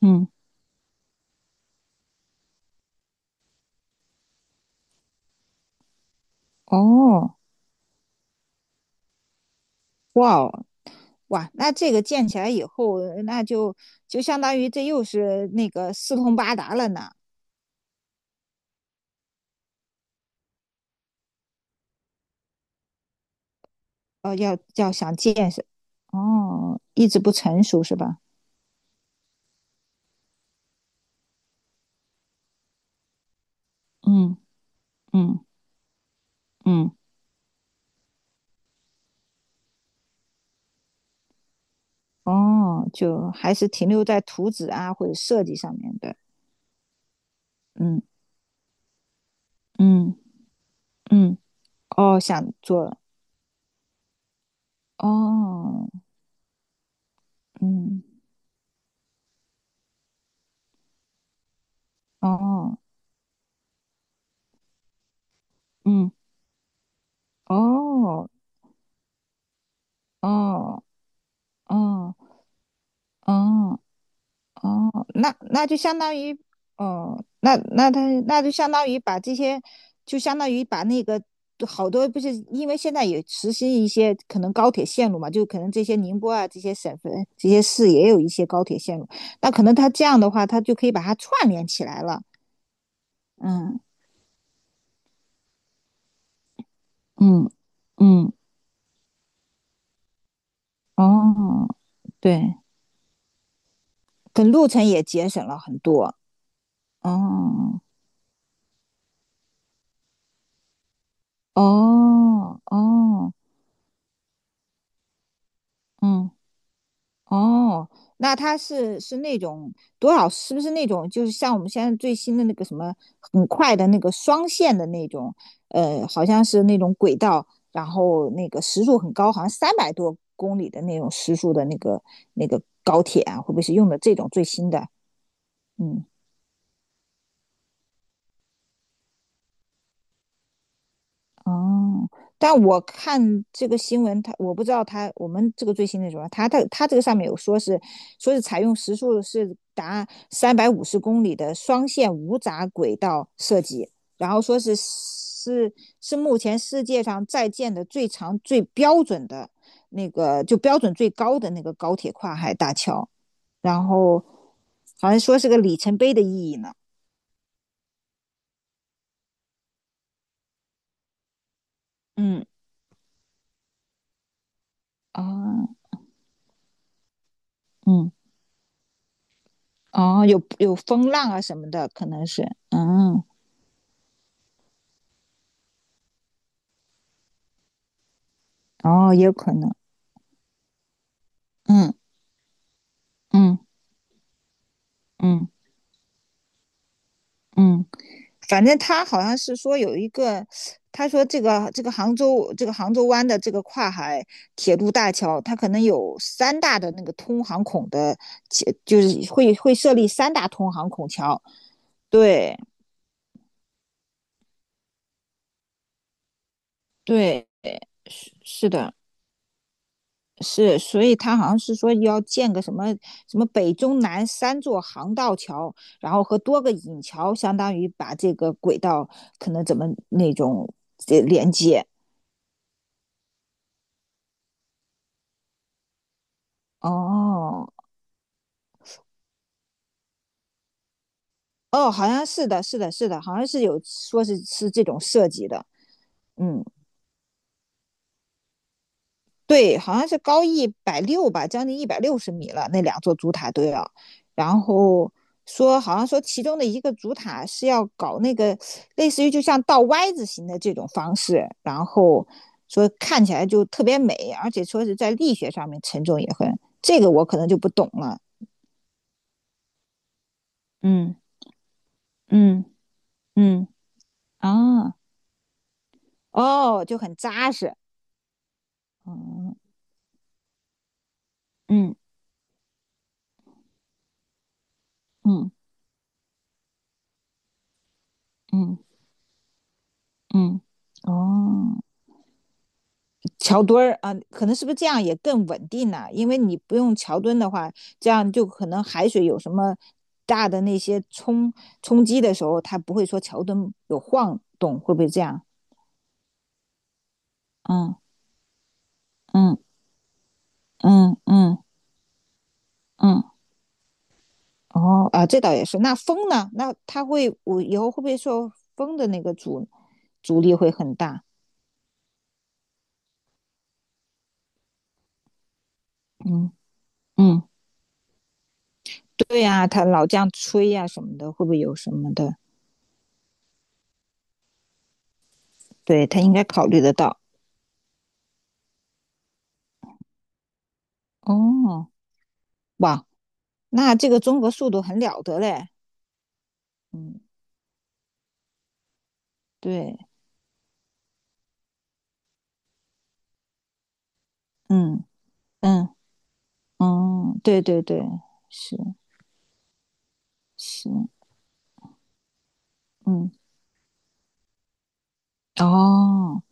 嗯。哦。哇哦。哇，那这个建起来以后，那就就相当于这又是那个四通八达了呢。哦，要想建设。哦，一直不成熟是吧？嗯。嗯。嗯。哦，就还是停留在图纸啊或者设计上面的。嗯。嗯。嗯。哦，想做。哦。嗯。哦。嗯。哦。哦。哦。哦。哦，那那就相当于，哦，那那他那就相当于把这些，就相当于把那个好多不是，因为现在也实施一些可能高铁线路嘛，就可能这些宁波啊这些省份这些市也有一些高铁线路，那可能他这样的话，他就可以把它串联起来了。嗯。嗯。嗯。哦，对，可路程也节省了很多。哦。哦。哦。嗯。哦，那它是是那种多少？是不是那种就是像我们现在最新的那个什么很快的那个双线的那种，好像是那种轨道，然后那个时速很高，好像300 多公里的那种时速的那个那个高铁啊，会不会是用的这种最新的？嗯。哦，但我看这个新闻，他我不知道他我们这个最新的什么，他这个上面有说是说是采用时速是达350 公里的双线无砟轨道设计，然后说是是目前世界上在建的最长最标准的那个就标准最高的那个高铁跨海大桥，然后好像说是个里程碑的意义呢。嗯。啊。嗯。哦，有有风浪啊什么的，可能是。嗯。哦，也有可能。嗯。嗯。嗯。嗯。反正他好像是说有一个，他说这个这个杭州这个杭州湾的这个跨海铁路大桥，它可能有三大的那个通航孔的，其就是会设立三大通航孔桥。对，对，是是的，是，所以他好像是说要建个什么什么北中南三座航道桥，然后和多个引桥，相当于把这个轨道可能怎么那种这连接。哦。哦，好像是的，是的，是的，好像是有说是是这种设计的。嗯，对，好像是高一百六吧，将近160 米了，那两座主塔都要。然后说，好像说其中的一个主塔是要搞那个类似于就像倒 Y 字形的这种方式，然后说看起来就特别美，而且说是在力学上面沉重也很，这个我可能就不懂了。嗯。嗯。嗯。啊。哦，就很扎实。哦。嗯。嗯。嗯。嗯。嗯。哦，桥墩儿啊，可能是不是这样也更稳定呢、啊因为你不用桥墩的话，这样就可能海水有什么大的那些冲击的时候，它不会说桥墩有晃动，会不会这样？嗯。嗯。嗯。嗯。嗯。哦啊，这倒也是。那风呢？那它会，我以后会不会受风的那个阻阻力会很大？嗯。嗯，对呀、啊它老这样吹呀、啊什么的，会不会有什么的？对，它应该考虑得到。哦。哇，那这个综合速度很了得嘞。嗯，对。嗯。嗯。嗯。对，对，对，是，是。嗯。哦。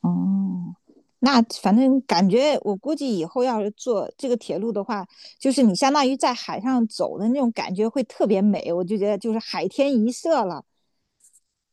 哦，那反正感觉我估计以后要是坐这个铁路的话，就是你相当于在海上走的那种感觉会特别美，我就觉得就是海天一色了。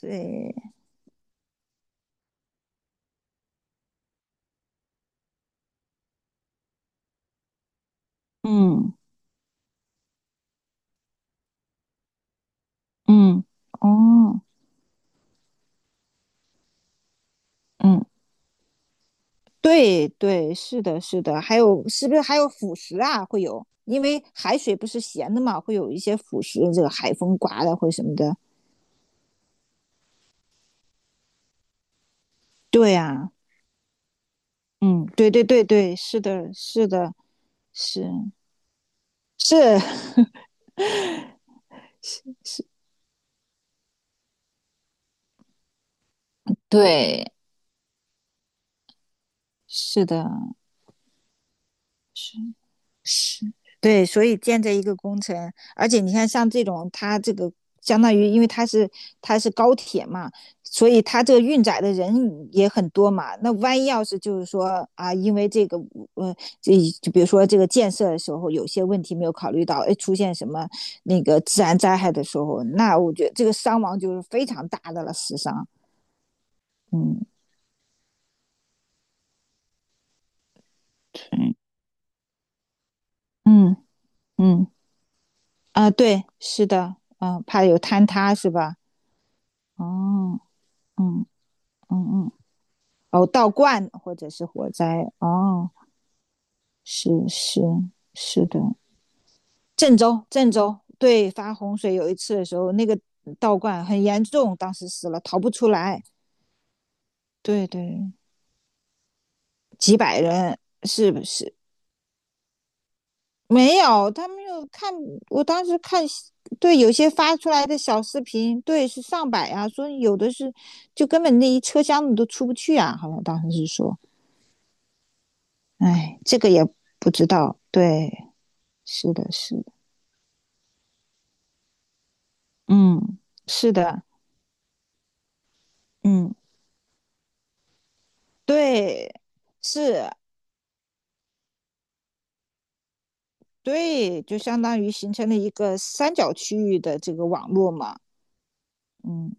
对。嗯。嗯。哦。嗯。对，对，是的，是的，还有是不是还有腐蚀啊？会有，因为海水不是咸的嘛，会有一些腐蚀，这个海风刮的会什么的。对啊。嗯，对，对，对，对，是的，是的，是是 对，是的，是，是，对，所以建这一个工程，而且你看，像这种它这个相当于，因为它是它是高铁嘛，所以它这个运载的人也很多嘛。那万一要是就是说啊，因为这个呃，这就比如说这个建设的时候有些问题没有考虑到，哎，出现什么那个自然灾害的时候，那我觉得这个伤亡就是非常大的了，死伤。嗯。对。嗯。嗯。啊，对，是的。嗯，怕有坍塌是吧？哦。嗯。嗯。嗯，哦，道观或者是火灾。哦，是，是，是的，郑州，郑州，对，发洪水有一次的时候，那个道观很严重，当时死了逃不出来。对，对，几百人是不是？没有，他们又看，我当时看，对，有些发出来的小视频，对，是上百啊，说有的是就根本那一车厢你都出不去啊，好像当时是说，哎，这个也不知道。对，是的，是。嗯，是的。嗯，对，是，对，就相当于形成了一个三角区域的这个网络嘛。嗯，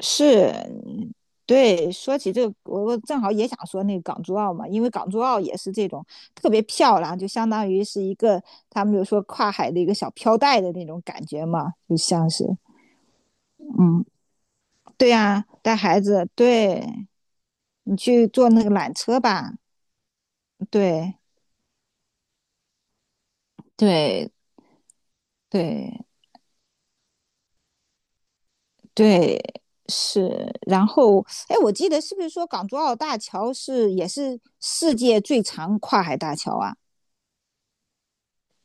是，对。说起这个，我我正好也想说那个港珠澳嘛，因为港珠澳也是这种特别漂亮，就相当于是一个他们就说跨海的一个小飘带的那种感觉嘛，就像是。嗯，对呀，带孩子，对，你去坐那个缆车吧，对，对，对。对，是。然后，哎，我记得是不是说港珠澳大桥是也是世界最长跨海大桥啊？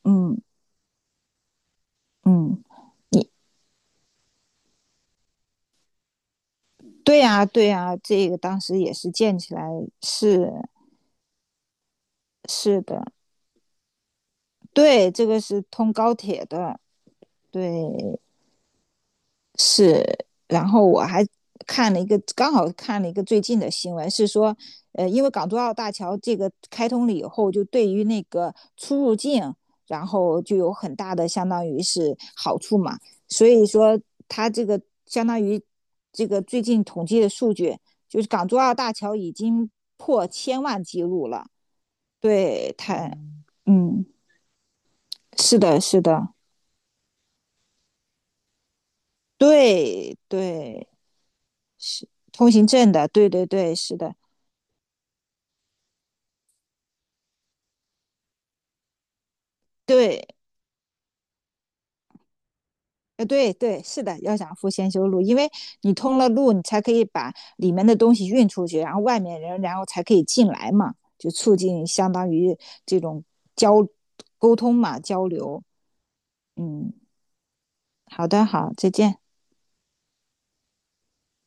嗯。嗯，你对呀、对呀、这个当时也是建起来。是，是的，对，这个是通高铁的。对，是，然后我还看了一个，刚好看了一个最近的新闻，是说，呃，因为港珠澳大桥这个开通了以后，就对于那个出入境，然后就有很大的相当于是好处嘛，所以说它这个相当于这个最近统计的数据，就是港珠澳大桥已经破千万记录了。对，它。嗯，是的，是的，对，对是通行证的，对，对，对，是的。对，呃，对，对，是的，要想富先修路，因为你通了路，你才可以把里面的东西运出去，然后外面人，然后才可以进来嘛，就促进相当于这种交沟通嘛，交流。嗯，好的，好，再见。